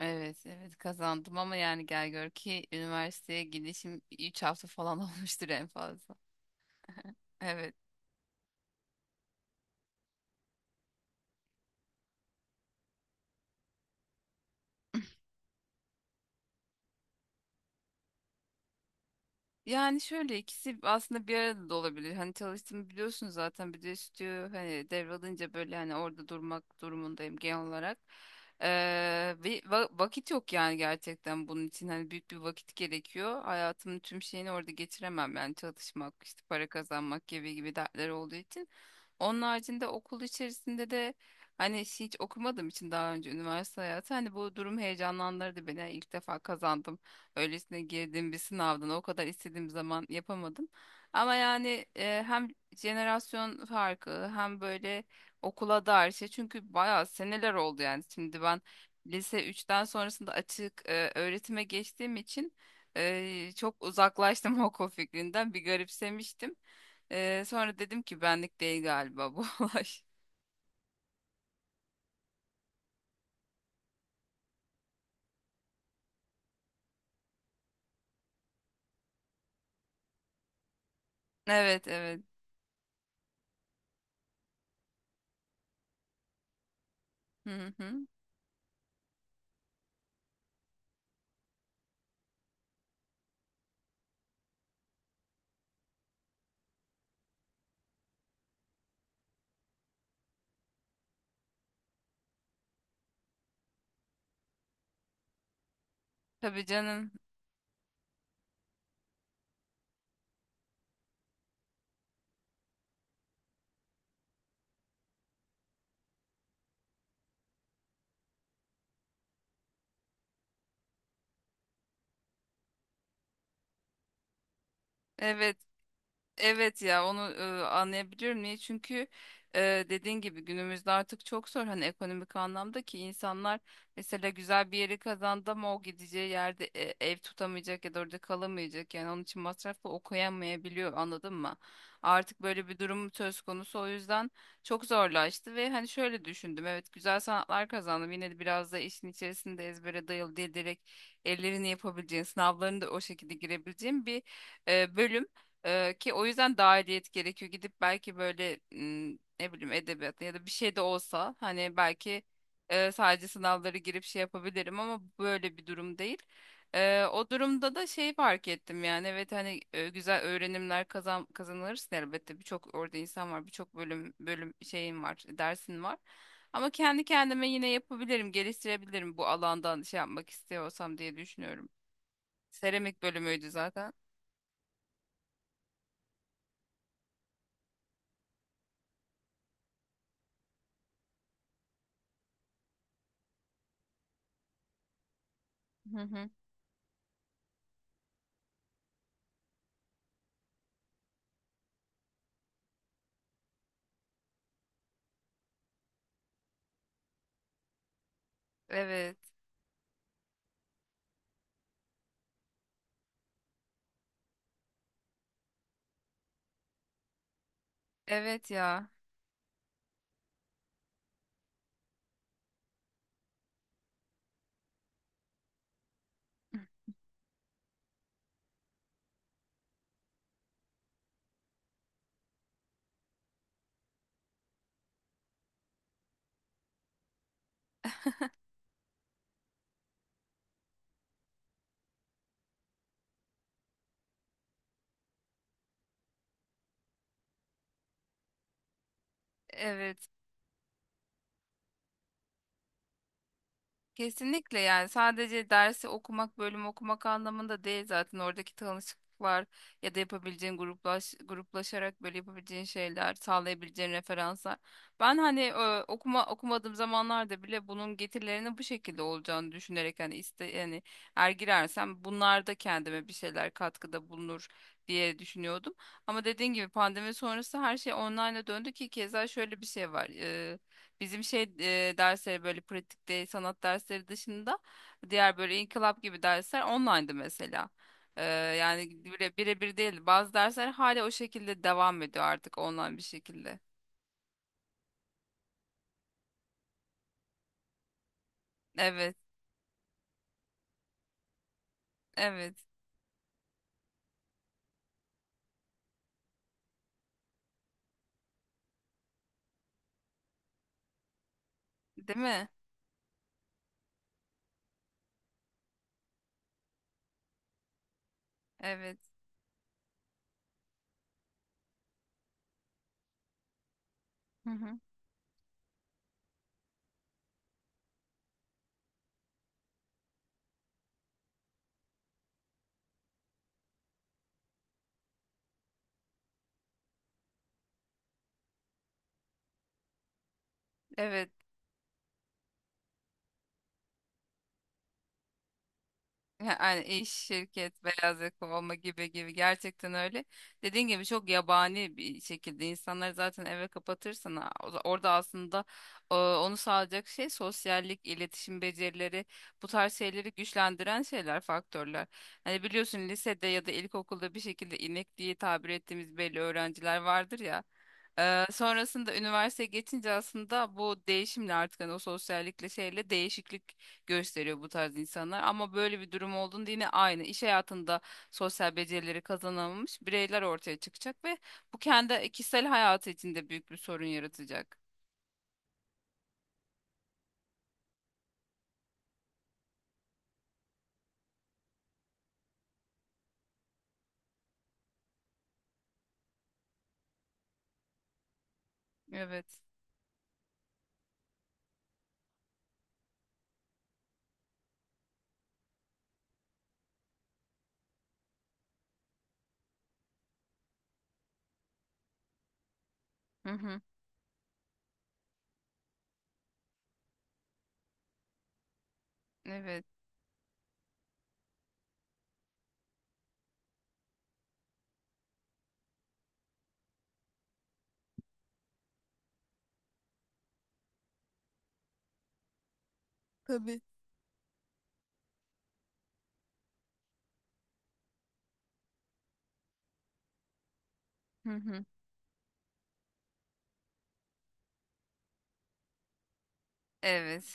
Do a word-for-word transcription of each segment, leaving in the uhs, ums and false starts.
Evet, evet kazandım ama yani gel gör ki üniversiteye gidişim üç hafta falan olmuştur en fazla. Evet. Yani şöyle ikisi aslında bir arada da olabilir. Hani çalıştığımı biliyorsun zaten, bir de stüdyo hani devralınca böyle hani orada durmak durumundayım genel olarak. Ee, ve va- vakit yok yani, gerçekten bunun için hani büyük bir vakit gerekiyor. Hayatımın tüm şeyini orada geçiremem yani, çalışmak işte, para kazanmak gibi gibi dertler olduğu için. Onun haricinde okul içerisinde de hani hiç okumadığım için daha önce, üniversite hayatı hani bu durum heyecanlandırdı beni. Yani İlk defa kazandım. Öylesine girdiğim bir sınavdan o kadar istediğim zaman yapamadım. Ama yani e, hem jenerasyon farkı hem böyle okula dair şey. Çünkü bayağı seneler oldu yani. Şimdi ben lise üçten sonrasında açık e, öğretime geçtiğim için e, çok uzaklaştım okul fikrinden. Bir garipsemiştim. Ee, sonra dedim ki benlik değil galiba bu olay. Evet, evet. Hı hı. Tabii canım. Evet, evet, ya onu e, anlayabiliyorum niye, çünkü e, dediğin gibi günümüzde artık çok zor, hani ekonomik anlamda, ki insanlar mesela güzel bir yeri kazandı ama o gideceği yerde e, ev tutamayacak ya da orada kalamayacak, yani onun için masrafla okuyamayabiliyor, anladın mı? Artık böyle bir durum söz konusu, o yüzden çok zorlaştı. Ve hani şöyle düşündüm, evet güzel sanatlar kazandım, yine de biraz da işin içerisinde ezbere dayalı değil, direkt ellerini yapabileceğin, sınavlarını da o şekilde girebileceğin bir e, bölüm. Ee, ki o yüzden dahiliyet gerekiyor. Gidip belki böyle m, ne bileyim edebiyat ya da bir şey de olsa, hani belki e, sadece sınavları girip şey yapabilirim ama böyle bir durum değil. Ee, o durumda da şey fark ettim yani, evet hani e, güzel öğrenimler kazan kazanırsın elbette. Birçok orada insan var, birçok bölüm, bölüm şeyin var, dersin var. Ama kendi kendime yine yapabilirim, geliştirebilirim bu alandan şey yapmak istiyorsam diye düşünüyorum. Seramik bölümüydü zaten. Hı hı. Evet. Evet ya. Evet. Kesinlikle yani, sadece dersi okumak, bölüm okumak anlamında değil, zaten oradaki tanışıklıklar ya da yapabileceğin gruplaş, gruplaşarak böyle yapabileceğin şeyler, sağlayabileceğin referanslar. Ben hani e, okuma okumadığım zamanlarda bile bunun getirilerinin bu şekilde olacağını düşünerek, hani iste yani eğer girersem bunlar da kendime bir şeyler katkıda bulunur diye düşünüyordum. Ama dediğin gibi pandemi sonrası her şey online'a döndü, ki keza şöyle bir şey var. Bizim şey, e, dersleri böyle pratikte sanat dersleri dışında, diğer böyle inkılap gibi dersler online'dı mesela. Ee, yani bire, birebir değil. Bazı dersler hala o şekilde devam ediyor, artık online bir şekilde. Evet, evet. Değil mi? Evet. Hı hı. Evet. Yani iş, şirket, beyaz yaka olma gibi gibi, gerçekten öyle. Dediğin gibi çok yabani bir şekilde, insanları zaten eve kapatırsan a- o- orada aslında e, onu sağlayacak şey sosyallik, iletişim becerileri, bu tarz şeyleri güçlendiren şeyler, faktörler. Hani biliyorsun, lisede ya da ilkokulda bir şekilde inek diye tabir ettiğimiz belli öğrenciler vardır ya. E, sonrasında üniversiteye geçince aslında bu değişimle artık hani o sosyallikle şeyle değişiklik gösteriyor bu tarz insanlar. Ama böyle bir durum olduğunda, yine aynı iş hayatında sosyal becerileri kazanamamış bireyler ortaya çıkacak ve bu kendi kişisel hayatı içinde büyük bir sorun yaratacak. Evet. Hı hı. Evet. Tabii. Hı hı. Evet.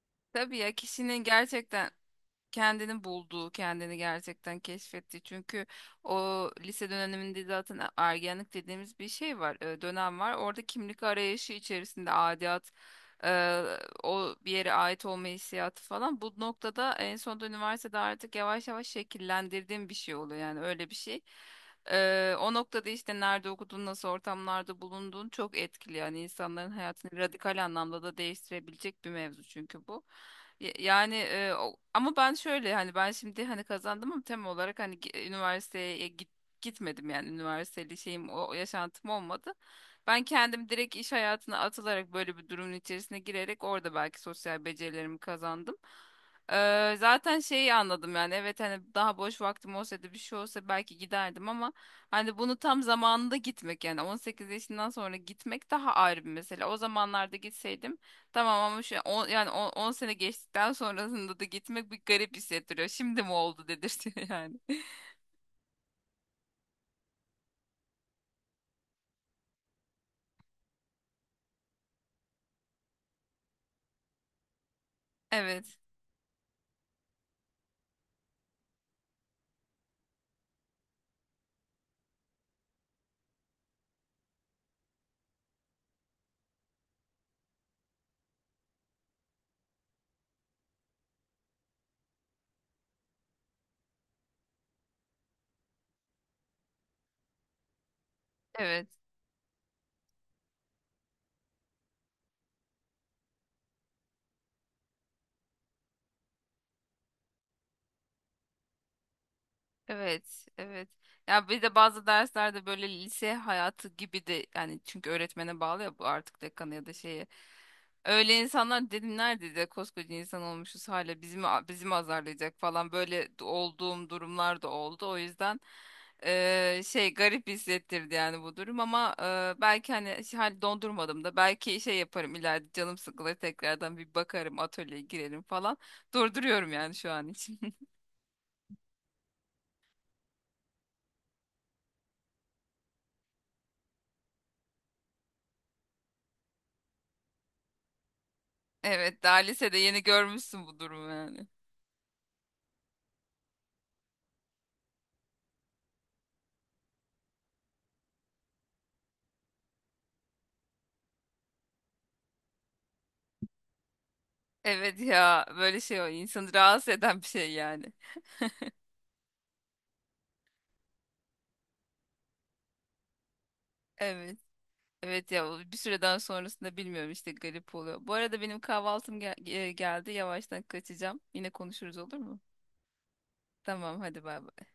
Tabii ya, kişinin gerçekten kendini bulduğu, kendini gerçekten keşfetti. Çünkü o lise döneminde zaten ergenlik dediğimiz bir şey var, e, dönem var. Orada kimlik arayışı içerisinde adiyat, e, o bir yere ait olma hissiyatı falan. Bu noktada en sonunda üniversitede artık yavaş yavaş şekillendirdiğim bir şey oluyor. Yani öyle bir şey. E, o noktada işte nerede okudun, nasıl ortamlarda bulunduğun çok etkili. Yani insanların hayatını radikal anlamda da değiştirebilecek bir mevzu çünkü bu. Y- Yani e, o- ama ben şöyle hani, ben şimdi hani kazandım ama tem olarak hani gi- üniversiteye e, git, gitmedim yani, üniversiteli şeyim, o o yaşantım olmadı. Ben kendim direkt iş hayatına atılarak, böyle bir durumun içerisine girerek orada belki sosyal becerilerimi kazandım. Ee, zaten şeyi anladım yani, evet hani daha boş vaktim olsaydı, bir şey olsa belki giderdim ama hani bunu tam zamanında gitmek, yani on sekiz yaşından sonra gitmek daha ayrı bir mesele. O zamanlarda gitseydim tamam, ama şu on, yani on sene geçtikten sonrasında da gitmek bir garip hissettiriyor. Şimdi mi oldu dedirtiyor yani. Evet. Evet. Evet, evet. Ya bir de bazı derslerde böyle lise hayatı gibi de yani, çünkü öğretmene bağlı ya bu artık, dekanı ya da şeye. Öyle insanlar, dedim nerede de koskoca insan olmuşuz, hala bizi mi, bizi mi azarlayacak falan böyle d- olduğum durumlar da oldu. O yüzden eee, şey garip hissettirdi yani bu durum, ama eee, belki hani şey- hani dondurmadım da, belki şey yaparım ileride, canım sıkılır tekrardan bir bakarım, atölyeye girerim falan. Durduruyorum yani şu an için. Evet, daha lisede yeni görmüşsün bu durumu yani. Evet ya, böyle şey o insanı rahatsız eden bir şey yani. Evet. Evet ya, o bir süreden sonrasında bilmiyorum işte, garip oluyor. Bu arada benim kahvaltım gel- e, geldi, yavaştan kaçacağım. Yine konuşuruz, olur mu? Tamam, hadi bay bay.